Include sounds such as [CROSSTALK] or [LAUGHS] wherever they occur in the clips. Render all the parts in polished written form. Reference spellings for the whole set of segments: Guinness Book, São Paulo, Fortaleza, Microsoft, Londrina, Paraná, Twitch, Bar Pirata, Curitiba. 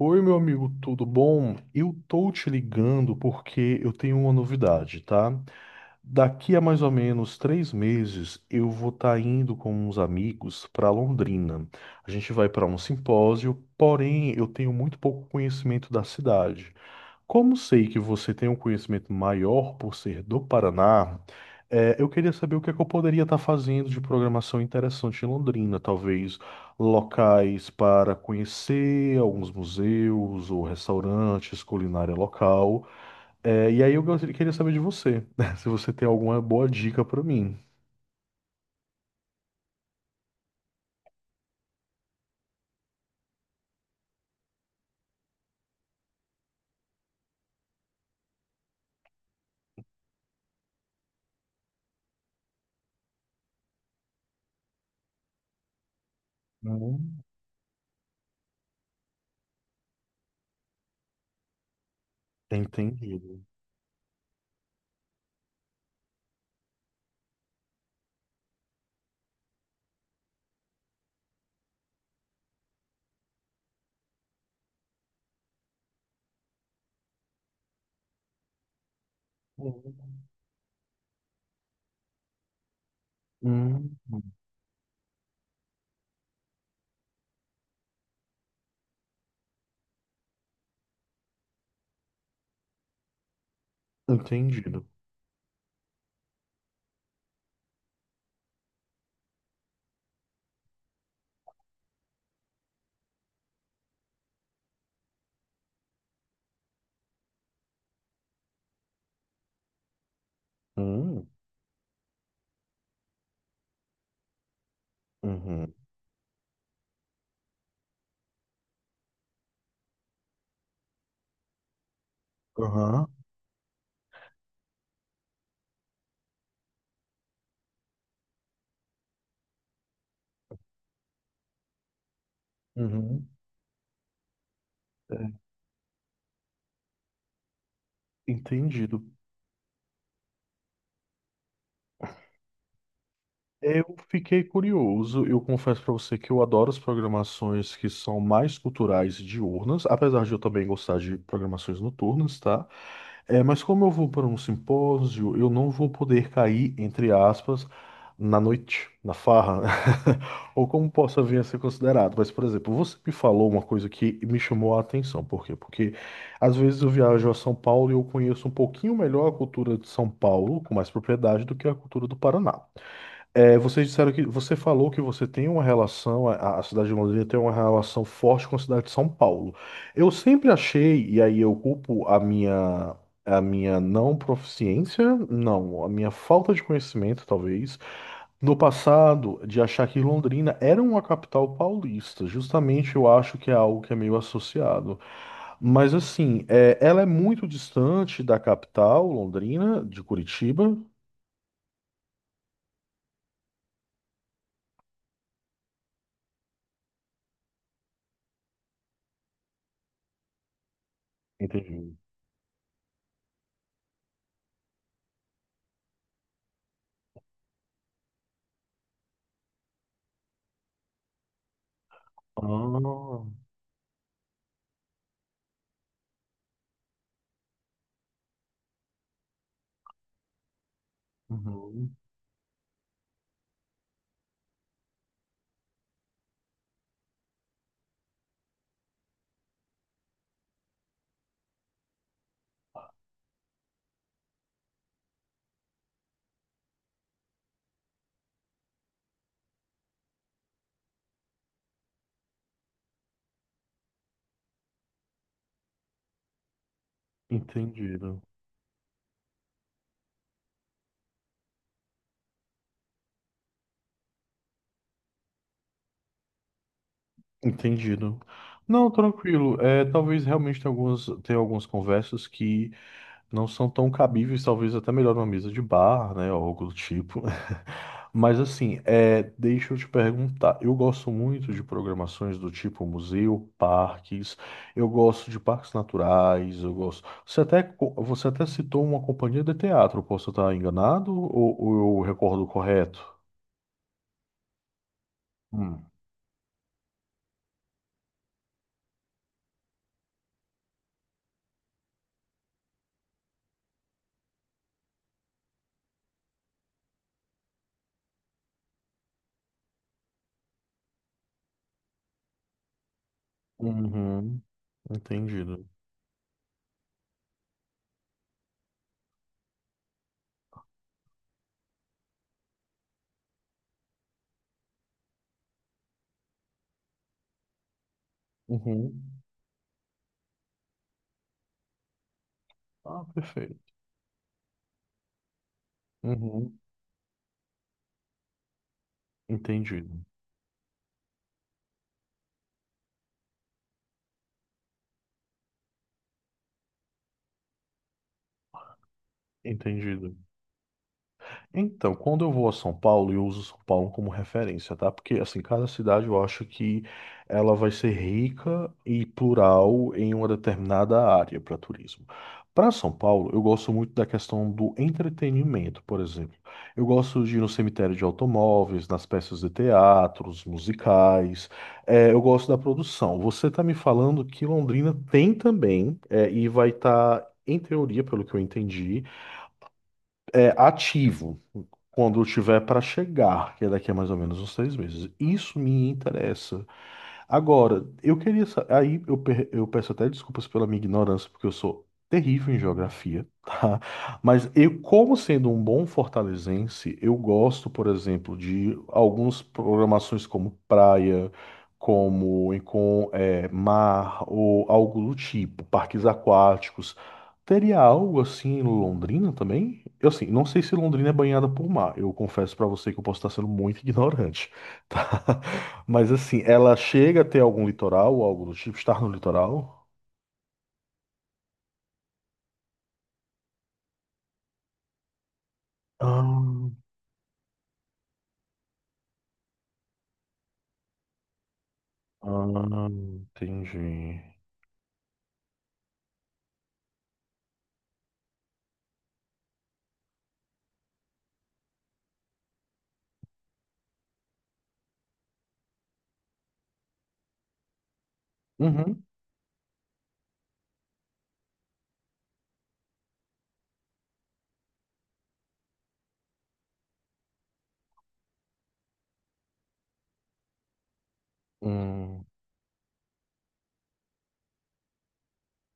Oi, meu amigo, tudo bom? Eu tô te ligando porque eu tenho uma novidade, tá? Daqui a mais ou menos 3 meses, eu vou estar indo com uns amigos para Londrina. A gente vai para um simpósio, porém eu tenho muito pouco conhecimento da cidade. Como sei que você tem um conhecimento maior por ser do Paraná, eu queria saber o que é que eu poderia estar fazendo de programação interessante em Londrina, talvez locais para conhecer, alguns museus ou restaurantes, culinária local. E aí eu queria saber de você, [LAUGHS] né, se você tem alguma boa dica para mim. Hum, entendido. Hum, entendido. Hum, uhum. Aham, uhum. Entendido. Eu fiquei curioso. Eu confesso para você que eu adoro as programações que são mais culturais e diurnas, apesar de eu também gostar de programações noturnas, tá? É, mas como eu vou para um simpósio, eu não vou poder cair, entre aspas, na noite, na farra, [LAUGHS] ou como possa vir a ser considerado. Mas, por exemplo, você me falou uma coisa que me chamou a atenção. Por quê? Porque às vezes eu viajo a São Paulo e eu conheço um pouquinho melhor a cultura de São Paulo, com mais propriedade, do que a cultura do Paraná. É, vocês disseram que você falou que você tem uma relação, a cidade de Londrina tem uma relação forte com a cidade de São Paulo. Eu sempre achei, e aí eu culpo a minha não proficiência, não, a minha falta de conhecimento, talvez, no passado, de achar que Londrina era uma capital paulista. Justamente eu acho que é algo que é meio associado. Mas assim, é, ela é muito distante da capital, Londrina, de Curitiba. Entendi. Ah, uhum. Entendido. Entendido. Não, tranquilo. É, talvez realmente tenha algumas conversas que não são tão cabíveis, talvez até melhor numa mesa de bar, né, ou algo do tipo. [LAUGHS] Mas assim, é, deixa eu te perguntar. Eu gosto muito de programações do tipo museu, parques. Eu gosto de parques naturais. Eu gosto. Você até, você até citou uma companhia de teatro. Posso estar enganado ou eu recordo correto? Hum. Uhum. Entendido. Uhum. Ah, perfeito. Uhum. Entendido. Entendido. Então, quando eu vou a São Paulo, eu uso São Paulo como referência, tá? Porque, assim, cada cidade eu acho que ela vai ser rica e plural em uma determinada área para turismo. Para São Paulo, eu gosto muito da questão do entretenimento, por exemplo. Eu gosto de ir no cemitério de automóveis, nas peças de teatros, musicais. É, eu gosto da produção. Você está me falando que Londrina tem também, é, e vai estar, em teoria, pelo que eu entendi é ativo quando eu tiver para chegar, que é daqui a mais ou menos uns 3 meses. Isso me interessa. Agora, eu queria. Aí eu, eu peço até desculpas pela minha ignorância, porque eu sou terrível em geografia, [LAUGHS] tá? Mas eu, como sendo um bom fortalezense, eu gosto, por exemplo, de algumas programações como praia, como com é, mar, ou algo do tipo, parques aquáticos. Teria algo assim em Londrina também? Eu assim, não sei se Londrina é banhada por mar. Eu confesso pra você que eu posso estar sendo muito [LAUGHS] ignorante, tá? Mas assim, ela chega a ter algum litoral ou algo do tipo, estar no litoral? Ah, ah, entendi. Uhum. Hum.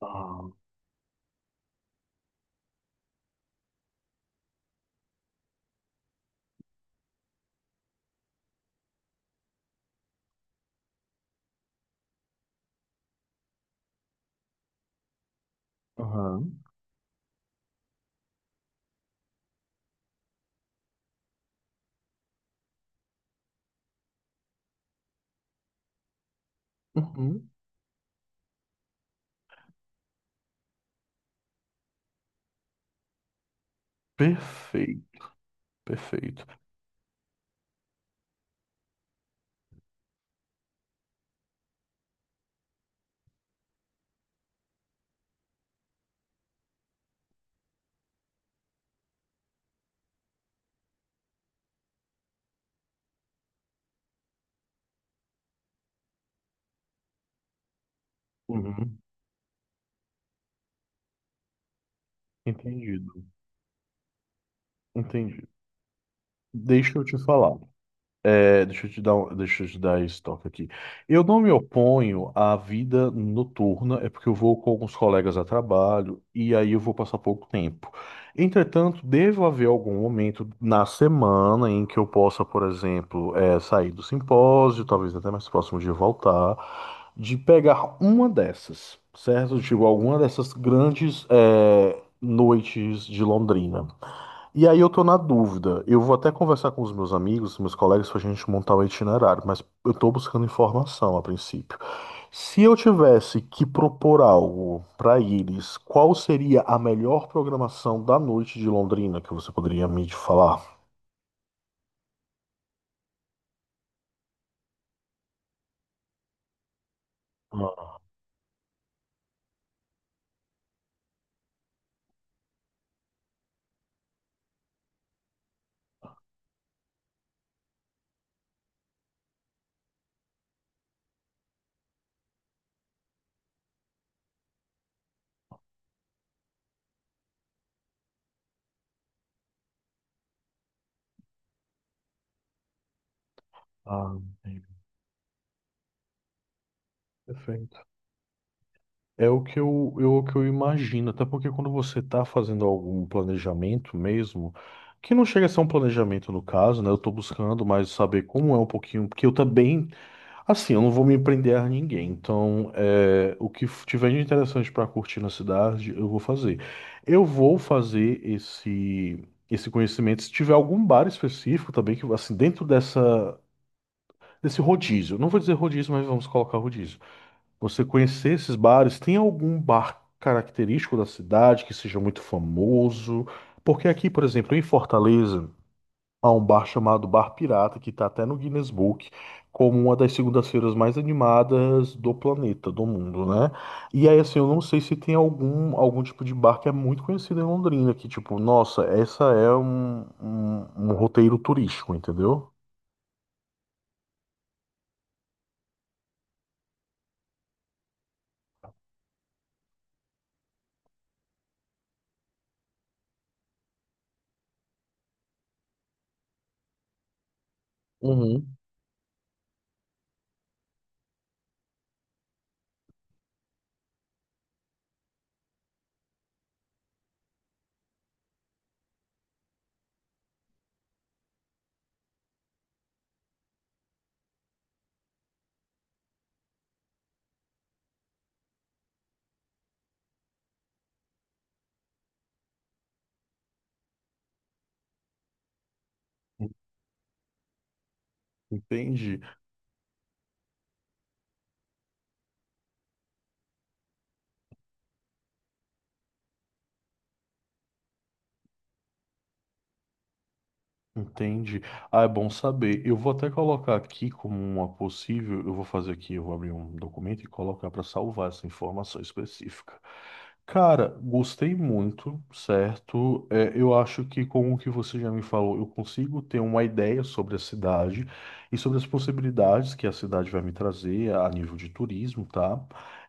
Ah, aham. Uhum. Perfeito, perfeito. Uhum. Entendido, entendido. Deixa eu te falar. É, deixa eu te dar, deixa eu te dar esse toque aqui. Eu não me oponho à vida noturna, é porque eu vou com alguns colegas a trabalho e aí eu vou passar pouco tempo. Entretanto, deve haver algum momento na semana em que eu possa, por exemplo, é, sair do simpósio, talvez até mais próximo de voltar, de pegar uma dessas, certo? Tipo, alguma dessas grandes, é, noites de Londrina. E aí eu tô na dúvida. Eu vou até conversar com os meus amigos, meus colegas, pra gente montar o itinerário, mas eu tô buscando informação a princípio. Se eu tivesse que propor algo para eles, qual seria a melhor programação da noite de Londrina que você poderia me falar? Ah, ah, entendi. Perfeito. É o que eu, o que eu imagino, até porque quando você está fazendo algum planejamento mesmo, que não chega a ser um planejamento no caso, né? Eu estou buscando mais saber como é um pouquinho, porque eu também. Assim, eu não vou me prender a ninguém, então é, o que tiver de interessante para curtir na cidade, eu vou fazer. Eu vou fazer esse esse conhecimento se tiver algum bar específico também que assim dentro dessa desse rodízio. Não vou dizer rodízio, mas vamos colocar rodízio. Você conhecer esses bares, tem algum bar característico da cidade que seja muito famoso? Porque aqui, por exemplo, em Fortaleza a um bar chamado Bar Pirata, que está até no Guinness Book, como uma das segundas-feiras mais animadas do planeta, do mundo, né? E aí, assim, eu não sei se tem algum, algum tipo de bar que é muito conhecido em Londrina, que tipo, nossa, essa é um, um roteiro turístico, entendeu? Uhum. Entendi. Entendi. Ah, é bom saber. Eu vou até colocar aqui como uma possível. Eu vou fazer aqui, eu vou abrir um documento e colocar para salvar essa informação específica. Cara, gostei muito, certo? É, eu acho que com o que você já me falou, eu consigo ter uma ideia sobre a cidade e sobre as possibilidades que a cidade vai me trazer a nível de turismo, tá?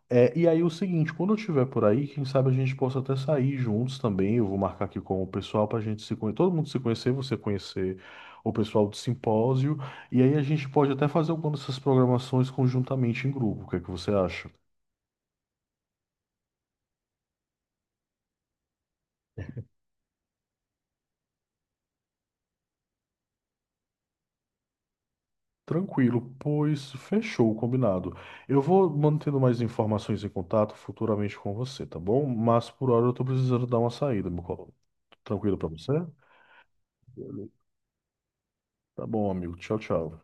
É, e aí o seguinte, quando eu estiver por aí, quem sabe a gente possa até sair juntos também. Eu vou marcar aqui com o pessoal para a gente se conhecer, todo mundo se conhecer, você conhecer o pessoal do simpósio. E aí a gente pode até fazer alguma dessas programações conjuntamente em grupo. O que é que você acha? Tranquilo, pois fechou, combinado. Eu vou mantendo mais informações em contato futuramente com você, tá bom? Mas por hora eu tô precisando dar uma saída, meu colo. Tranquilo para você? Beleza. Tá bom, amigo. Tchau, tchau.